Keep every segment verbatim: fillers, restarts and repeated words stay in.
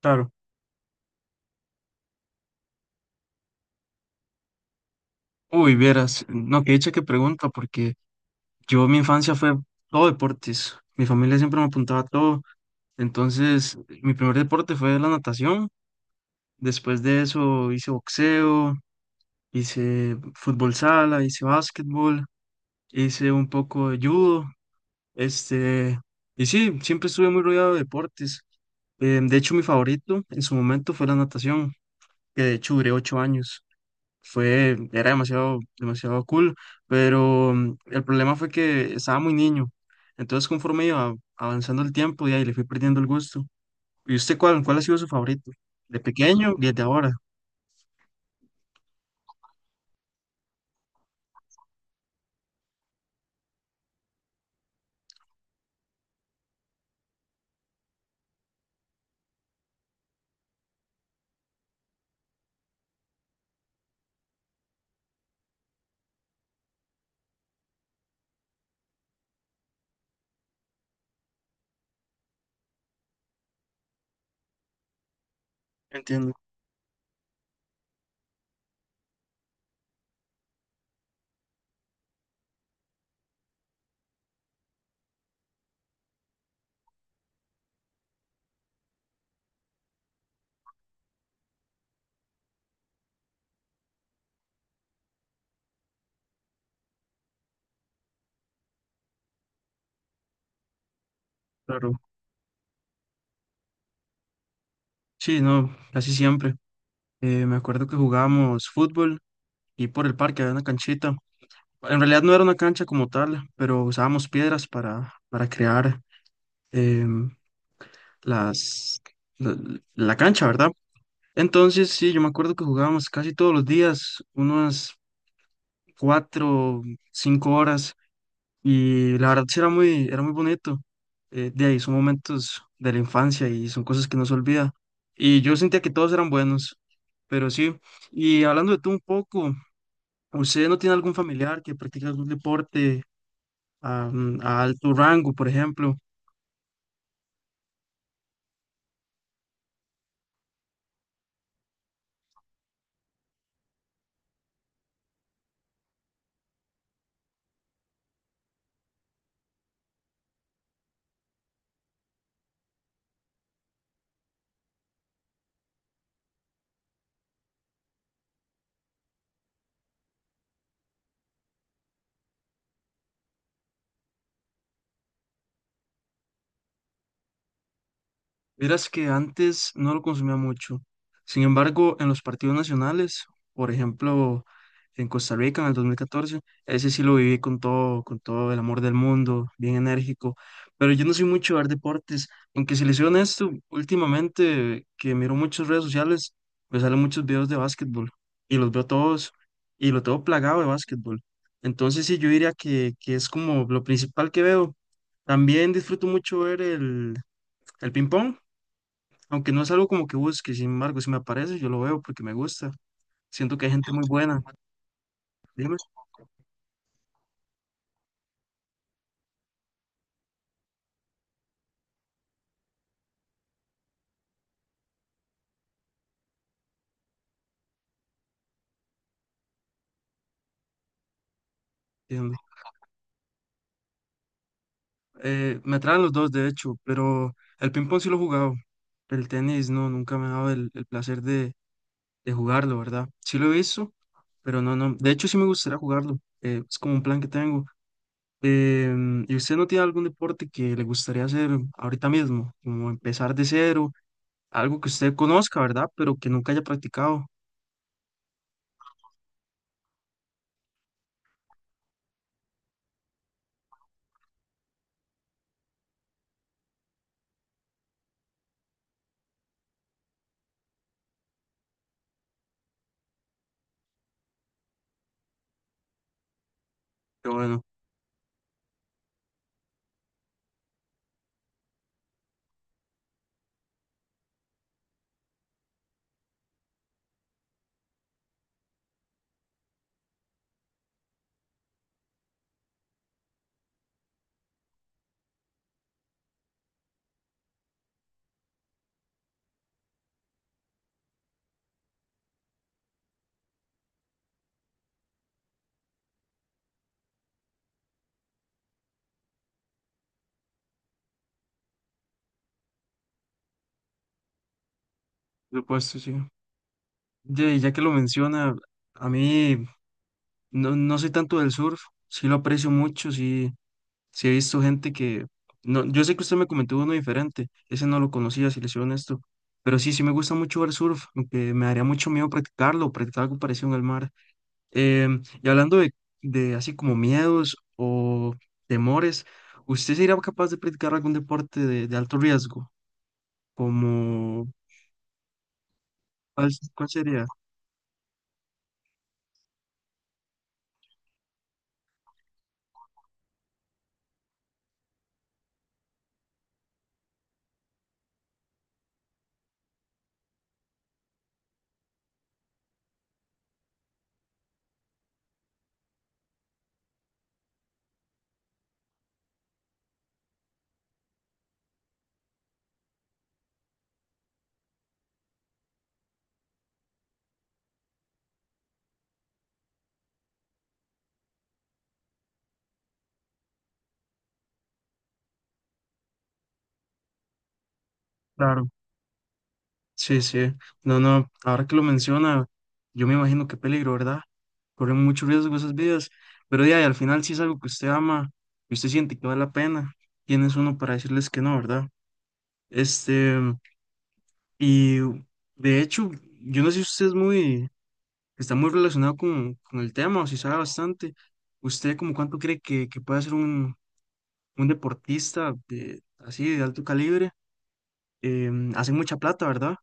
Claro. Uy, vieras, no, que dicha que pregunta, porque yo mi infancia fue todo deportes. Mi familia siempre me apuntaba a todo. Entonces, mi primer deporte fue la natación. Después de eso hice boxeo, hice fútbol sala, hice básquetbol, hice un poco de judo. Este, y sí, siempre estuve muy rodeado de deportes. Eh, de hecho, mi favorito en su momento fue la natación, que de hecho duré ocho años. Fue, era demasiado, demasiado cool, pero mm, el problema fue que estaba muy niño. Entonces, conforme iba avanzando el tiempo, y ahí le fui perdiendo el gusto. ¿Y usted cuál, cuál ha sido su favorito? ¿De pequeño y de ahora? Entiendo, claro. Sí, no, casi siempre. Eh, me acuerdo que jugábamos fútbol y por el parque había una canchita. En realidad no era una cancha como tal, pero usábamos piedras para, para crear em, las, la la cancha, ¿verdad? Entonces, sí, yo me acuerdo que jugábamos casi todos los días, unas cuatro, cinco horas, y la verdad sí era muy, era muy bonito. Eh, de ahí son momentos de la infancia y son cosas que no se olvida. Y yo sentía que todos eran buenos, pero sí. Y hablando de tú un poco, ¿usted no tiene algún familiar que practique algún deporte am, a alto rango, por ejemplo? Verás que antes no lo consumía mucho. Sin embargo, en los partidos nacionales, por ejemplo, en Costa Rica en el dos mil catorce ese sí lo viví con todo, con todo el amor del mundo, bien enérgico. Pero yo no soy mucho de ver deportes, aunque si les soy honesto, últimamente que miro muchas redes sociales, me salen muchos videos de básquetbol y los veo todos y lo tengo plagado de básquetbol. Entonces sí, yo diría que, que es como lo principal que veo. También disfruto mucho ver el, el ping-pong. Aunque no es algo como que busque, sin embargo, si me aparece, yo lo veo porque me gusta. Siento que hay gente muy buena. ¿Dime? Entiendo. Eh, me atraen los dos, de hecho, pero el ping-pong sí lo he jugado. El tenis no, nunca me ha dado el, el placer de, de jugarlo, ¿verdad? Sí lo he visto, pero no, no. De hecho, sí me gustaría jugarlo. Eh, es como un plan que tengo. Em, ¿y usted no tiene algún deporte que le gustaría hacer ahorita mismo? Como empezar de cero, algo que usted conozca, ¿verdad? Pero que nunca haya practicado. Pero bueno, por supuesto, sí. Ye- ya que lo menciona, a mí no, no soy tanto del surf, sí lo aprecio mucho, sí, sí he visto gente que... No, yo sé que usted me comentó uno diferente, ese no lo conocía, si le soy honesto, pero sí, sí me gusta mucho ver surf, aunque me daría mucho miedo practicarlo, practicar algo parecido al mar. Em, y hablando de, de así como miedos o temores, ¿usted sería capaz de practicar algún deporte de, de alto riesgo? Como, ¿cuál, cuál sería? Claro. Sí, sí. No, no, ahora que lo menciona, yo me imagino qué peligro, ¿verdad? Corren mucho riesgo esas vidas, pero ya, y al final si es algo que usted ama y usted siente que vale la pena, ¿quién es uno para decirles que no, verdad? Este, y de hecho, yo no sé si usted es muy, está muy relacionado con, con el tema o si sabe bastante. ¿Usted como cuánto cree que, que puede ser un, un deportista de, así de alto calibre? Em, ¿hace mucha plata, ¿verdad?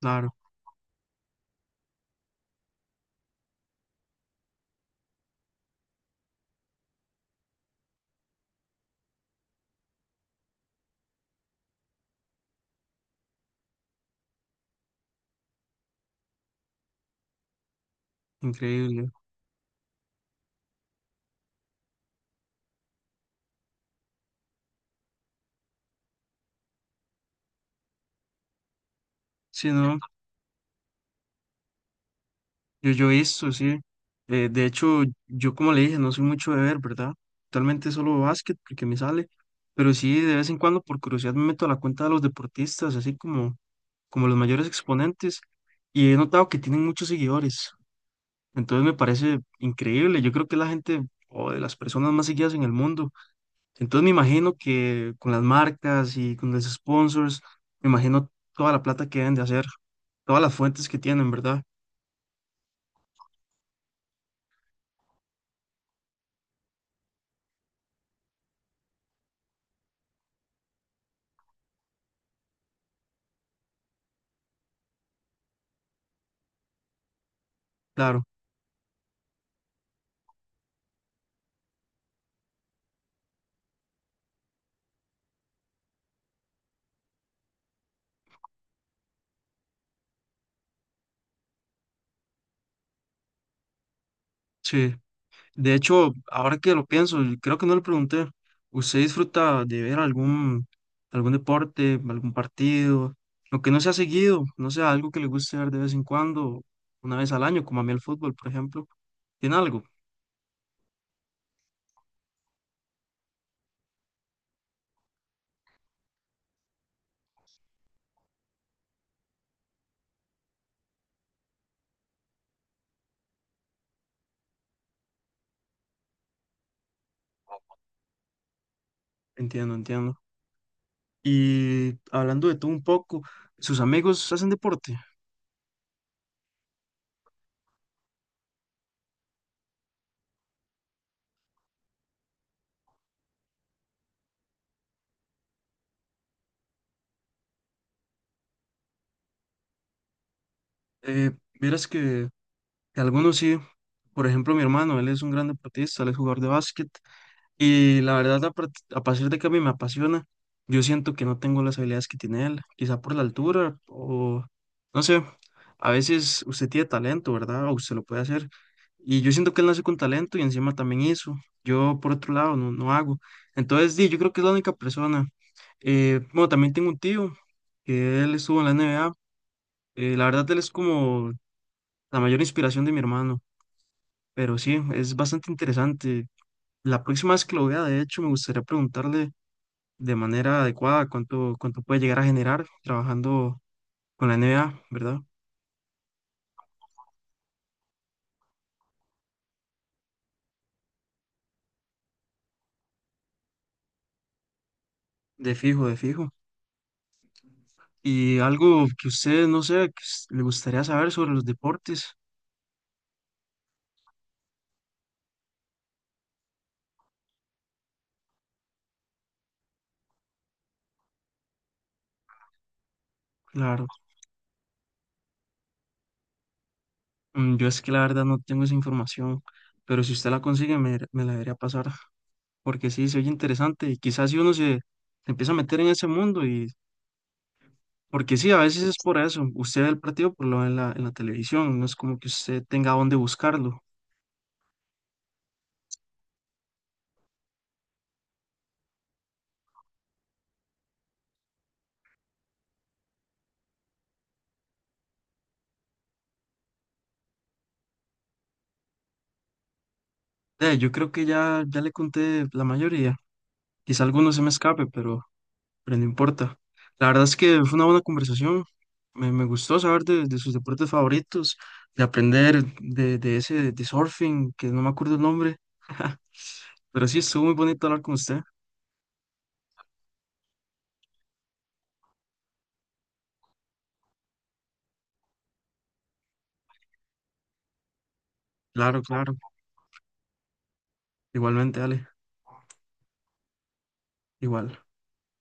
Claro, increíble. Sí, no. Yo, yo he visto, sí. Eh, de hecho, yo como le dije, no soy mucho de ver, ¿verdad? Actualmente solo básquet porque me sale, pero sí, de vez en cuando por curiosidad me meto a la cuenta de los deportistas, así como, como los mayores exponentes, y he notado que tienen muchos seguidores. Entonces me parece increíble. Yo creo que es la gente o de las personas más seguidas en el mundo. Entonces me imagino que con las marcas y con los sponsors, me imagino toda la plata que deben de hacer, todas las fuentes que tienen, ¿verdad? Claro, sí. De hecho, ahora que lo pienso, y creo que no le pregunté, ¿usted disfruta de ver algún, algún deporte, algún partido? Lo que no se ha seguido, no sé, algo que le guste ver de vez en cuando, una vez al año, como a mí el fútbol, por ejemplo. ¿Tiene algo? Entiendo, entiendo. Y hablando de todo un poco, ¿sus amigos hacen deporte? Eh, Vieras que, que algunos sí. Por ejemplo, mi hermano, él es un gran deportista, él es jugador de básquet. Y la verdad, a, part- a partir de que a mí me apasiona, yo siento que no tengo las habilidades que tiene él, quizá por la altura o no sé, a veces usted tiene talento, ¿verdad? O usted lo puede hacer. Y yo siento que él nace con talento y encima también hizo. Yo, por otro lado, no, no hago. Entonces, di, yo creo que es la única persona. Eh, bueno, también tengo un tío que él estuvo en la N B A. Eh, la verdad, él es como la mayor inspiración de mi hermano. Pero sí, es bastante interesante. La próxima vez que lo vea, de hecho, me gustaría preguntarle de manera adecuada, cuánto, cuánto puede llegar a generar trabajando con la N B A, ¿verdad? De fijo, de fijo. Y algo que usted, no sé, que s- le gustaría saber sobre los deportes, claro. Mm, yo es que la verdad no tengo esa información, pero si usted la consigue me, me la debería pasar, porque sí, se oye interesante y quizás si uno se, se empieza a meter en ese mundo y... Porque sí, a veces es por eso. Usted ve el partido por lo ve en la, en la televisión, no es como que usted tenga dónde buscarlo. Eh, yo creo que ya, ya le conté la mayoría. Quizá alguno se me escape, pero, pero no importa. La verdad es que fue una buena conversación. Me, me gustó saber de, de sus deportes favoritos, de aprender de, de ese de surfing, que no me acuerdo el nombre. Pero sí, estuvo muy bonito hablar con usted. Claro, claro. Igualmente, Ale. Igual.